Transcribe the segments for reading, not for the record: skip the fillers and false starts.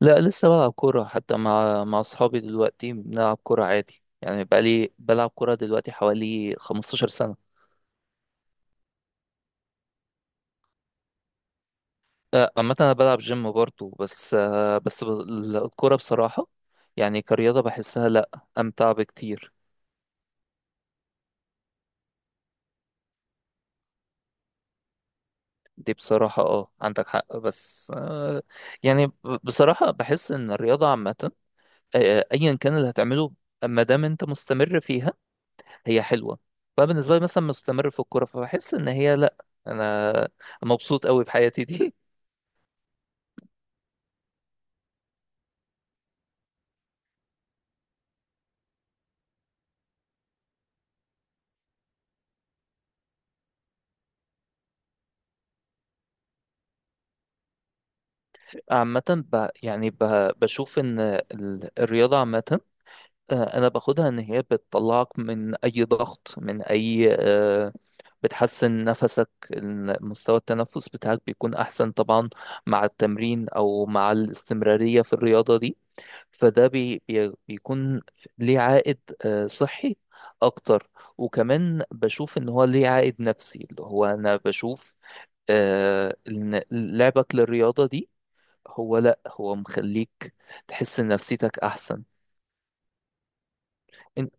لا، لسه بلعب كورة حتى مع أصحابي. دلوقتي بنلعب كورة عادي، يعني بقالي بلعب كورة دلوقتي حوالي 15 سنة. عامة أنا بلعب جيم برضه، بس الكورة بصراحة يعني كرياضة بحسها، لأ، أمتع بكتير. دي بصراحة اه، عندك حق، بس يعني ب- بصراحة بحس إن الرياضة عامة، أيا كان اللي هتعمله ما دام أنت مستمر فيها هي حلوه. فبالنسبه لي مثلا مستمر في الكوره، فبحس ان هي لا، انا مبسوط قوي بحياتي دي. عامه ب... يعني ب... بشوف ان الرياضه عامه، انا باخدها ان هي بتطلعك من اي ضغط، من اي بتحسن نفسك، مستوى التنفس بتاعك بيكون احسن طبعا مع التمرين او مع الاستمراريه في الرياضه دي. فده بي بي بيكون ليه عائد صحي اكتر. وكمان بشوف ان هو ليه عائد نفسي، اللي هو انا بشوف ان لعبك للرياضة دي هو لا هو مخليك تحس ان نفسيتك احسن. إن-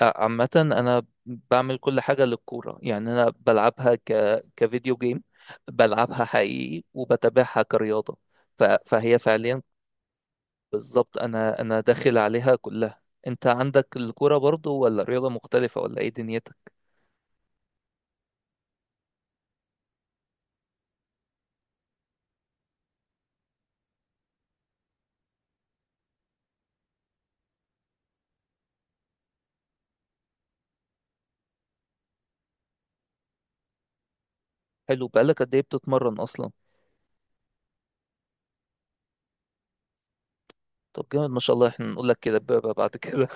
عامة انا بعمل كل حاجة للكورة، يعني انا بلعبها كفيديو جيم، بلعبها حقيقي، وبتابعها كرياضة. فهي فعليا بالظبط، انا داخل عليها كلها. انت عندك الكوره برضو، ولا رياضه مختلفه، ولا ايه دنيتك؟ حلو، بقالك قد ايه بتتمرن اصلا؟ طب جامد، ما شاء الله، احنا نقول لك كده بقى بعد كده.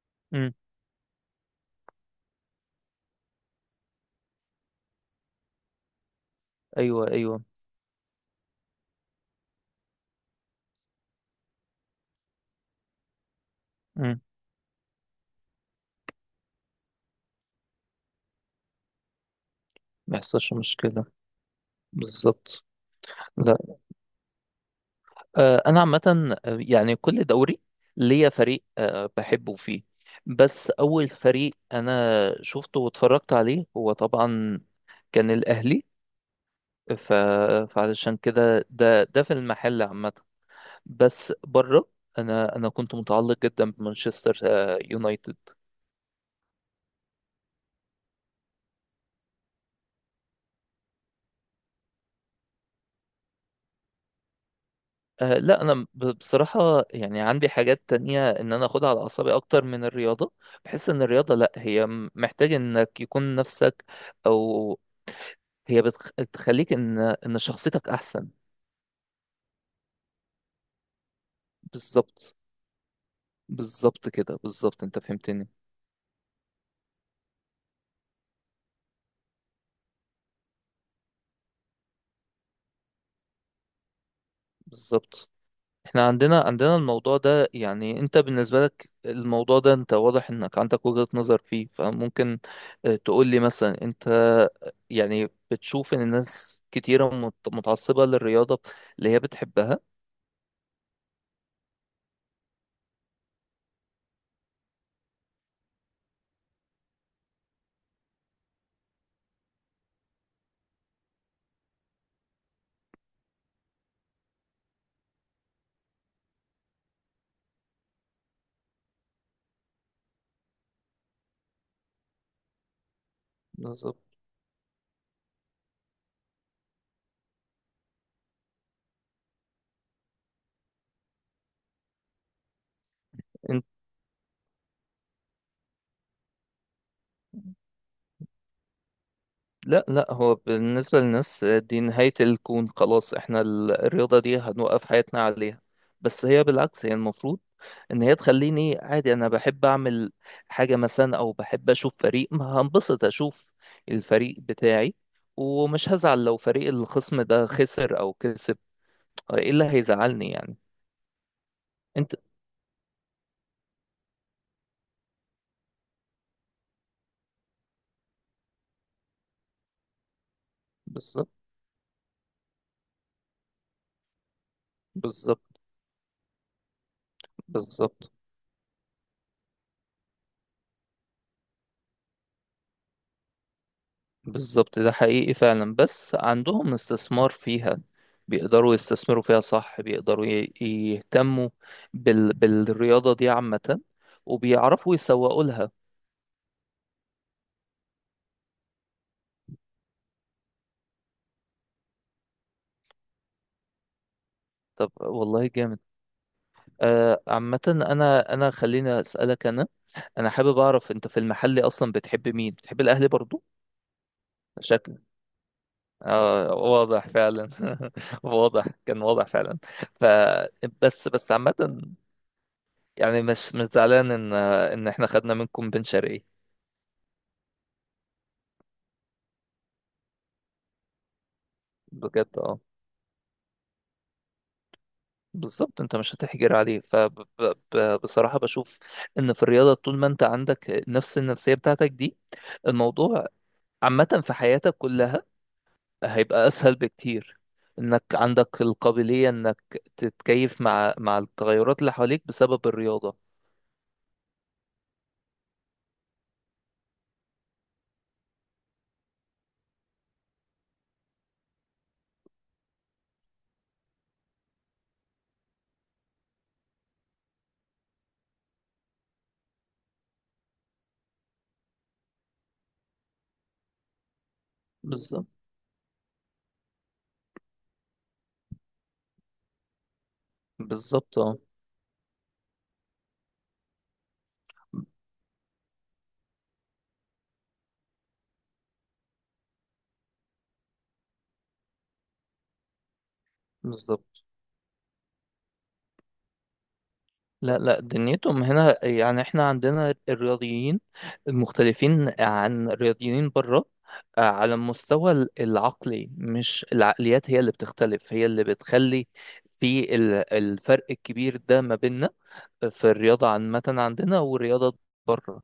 امم. ايوه ايوه. امم. ما يحصلش مشكله، بالظبط. لا، انا عامه يعني كل دوري ليا فريق آه بحبه فيه، بس اول فريق انا شفته واتفرجت عليه هو طبعا كان الاهلي. ف... فعلشان كده ده في المحل عامه. بس بره، انا كنت متعلق جدا بمانشستر يونايتد. لا، انا بصراحه يعني عندي حاجات تانية ان انا اخدها على اعصابي اكتر من الرياضه. بحس ان الرياضه لا، هي محتاج انك يكون نفسك، او هي بتخليك ان شخصيتك احسن. بالظبط. بالظبط كده، بالظبط، انت فهمتني. بالظبط. احنا عندنا الموضوع ده، يعني انت بالنسبة لك الموضوع ده انت واضح انك عندك وجهة نظر فيه، فممكن اه، تقول لي مثلا، انت يعني بتشوف ان الناس كتيرة متعصبة للرياضة اللي هي بتحبها؟ بالظبط. لا لا، هو بالنسبة للناس دي نهاية الكون، خلاص احنا الرياضة دي هنوقف حياتنا عليها. بس هي بالعكس، هي المفروض ان هي تخليني عادي. انا بحب اعمل حاجة مثلا، او بحب اشوف فريق، ما هنبسط اشوف الفريق بتاعي، ومش هزعل لو فريق الخصم ده خسر او كسب. ايه اللي هيزعلني يعني؟ انت بالظبط. بالظبط. بالظبط. بالظبط، ده حقيقي فعلا، بس عندهم استثمار فيها، بيقدروا يستثمروا فيها، صح، بيقدروا يهتموا بالرياضة دي عامة، وبيعرفوا يسوقوا لها. طب والله جامد. آه عامة، أنا خليني أسألك. أنا أنا حابب أعرف، أنت في المحل أصلا بتحب مين؟ بتحب الأهلي برضو؟ شكل. آه واضح فعلا. واضح، كان واضح فعلا. ف بس عامة، يعني مش مش زعلان إن إحنا خدنا منكم بن شرقي. بجد اه. بالظبط، انت مش هتحجر عليه. فبصراحة بشوف ان في الرياضة، طول ما انت عندك نفس النفسية بتاعتك دي، الموضوع عامة في حياتك كلها هيبقى اسهل بكتير. انك عندك القابلية انك تتكيف مع التغيرات اللي حواليك بسبب الرياضة. بالظبط. بالظبط اه. بالظبط. لا لا، دنيتهم هنا. يعني احنا عندنا الرياضيين المختلفين عن الرياضيين بره، على المستوى العقلي، مش العقليات هي اللي بتختلف، هي اللي بتخلي في الفرق الكبير ده ما بيننا في الرياضة عامة عندنا، والرياضة بره.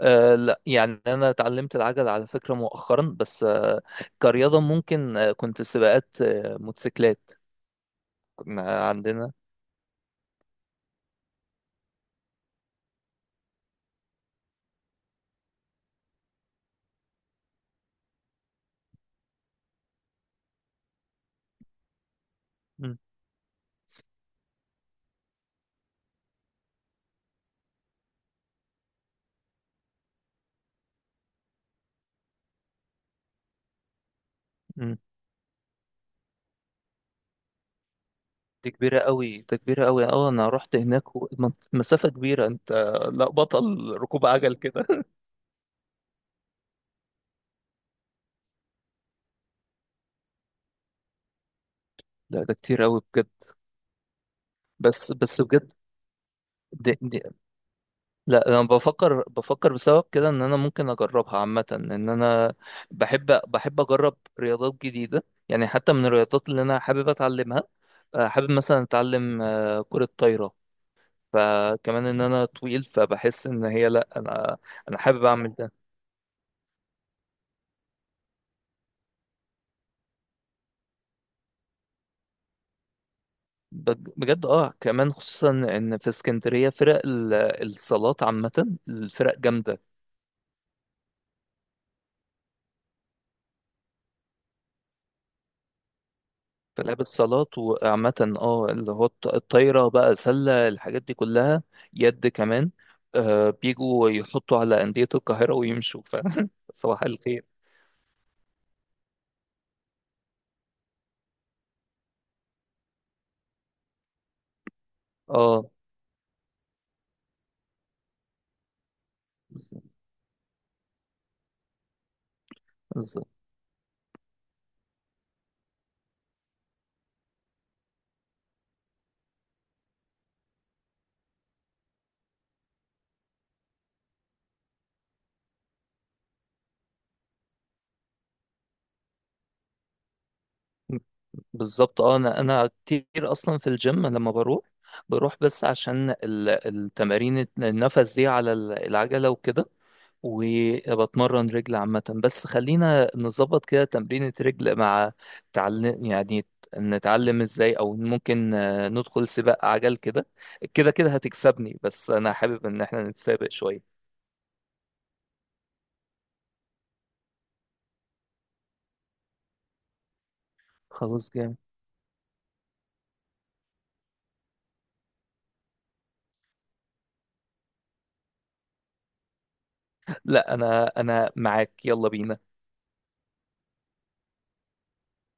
لا، يعني أنا اتعلمت العجل على فكرة مؤخرا، بس آه كرياضة. ممكن آه، كنت سباقات آه موتوسيكلات. كنا عندنا. م- م. دي كبيرة قوي، اه انا رحت هناك، مسافة كبيرة انت. لا، بطل ركوب عجل كده. لا ده كتير قوي بجد. بس بس بجد، دي دي لا، انا بفكر بسبب كده ان انا ممكن اجربها. عامة ان انا بحب اجرب رياضات جديدة، يعني حتى من الرياضات اللي انا حابب اتعلمها، حابب مثلا اتعلم كرة طايرة. فكمان ان انا طويل، فبحس ان هي لا، انا انا حابب اعمل ده، بجد اه. كمان خصوصا ان في اسكندريه فرق الصالات عامه الفرق جامده في لعب الصالات. وعامه اه، اللي هو الطايره بقى، سله، الحاجات دي كلها، يد كمان. آه بيجوا يحطوا على انديه القاهره ويمشوا. ف صباح الخير. اه بالظبط اه. انا كتير اصلا في الجيم لما بروح بس عشان التمارين النفس دي على العجلة وكده، وبتمرن رجل عامة. بس خلينا نظبط كده تمرينة رجل مع تعلم يعني، نتعلم ازاي، او ممكن ندخل سباق عجل. كده كده كده هتكسبني، بس انا حابب ان احنا نتسابق شوية. خلاص جامد. لا انا معاك، يلا بينا.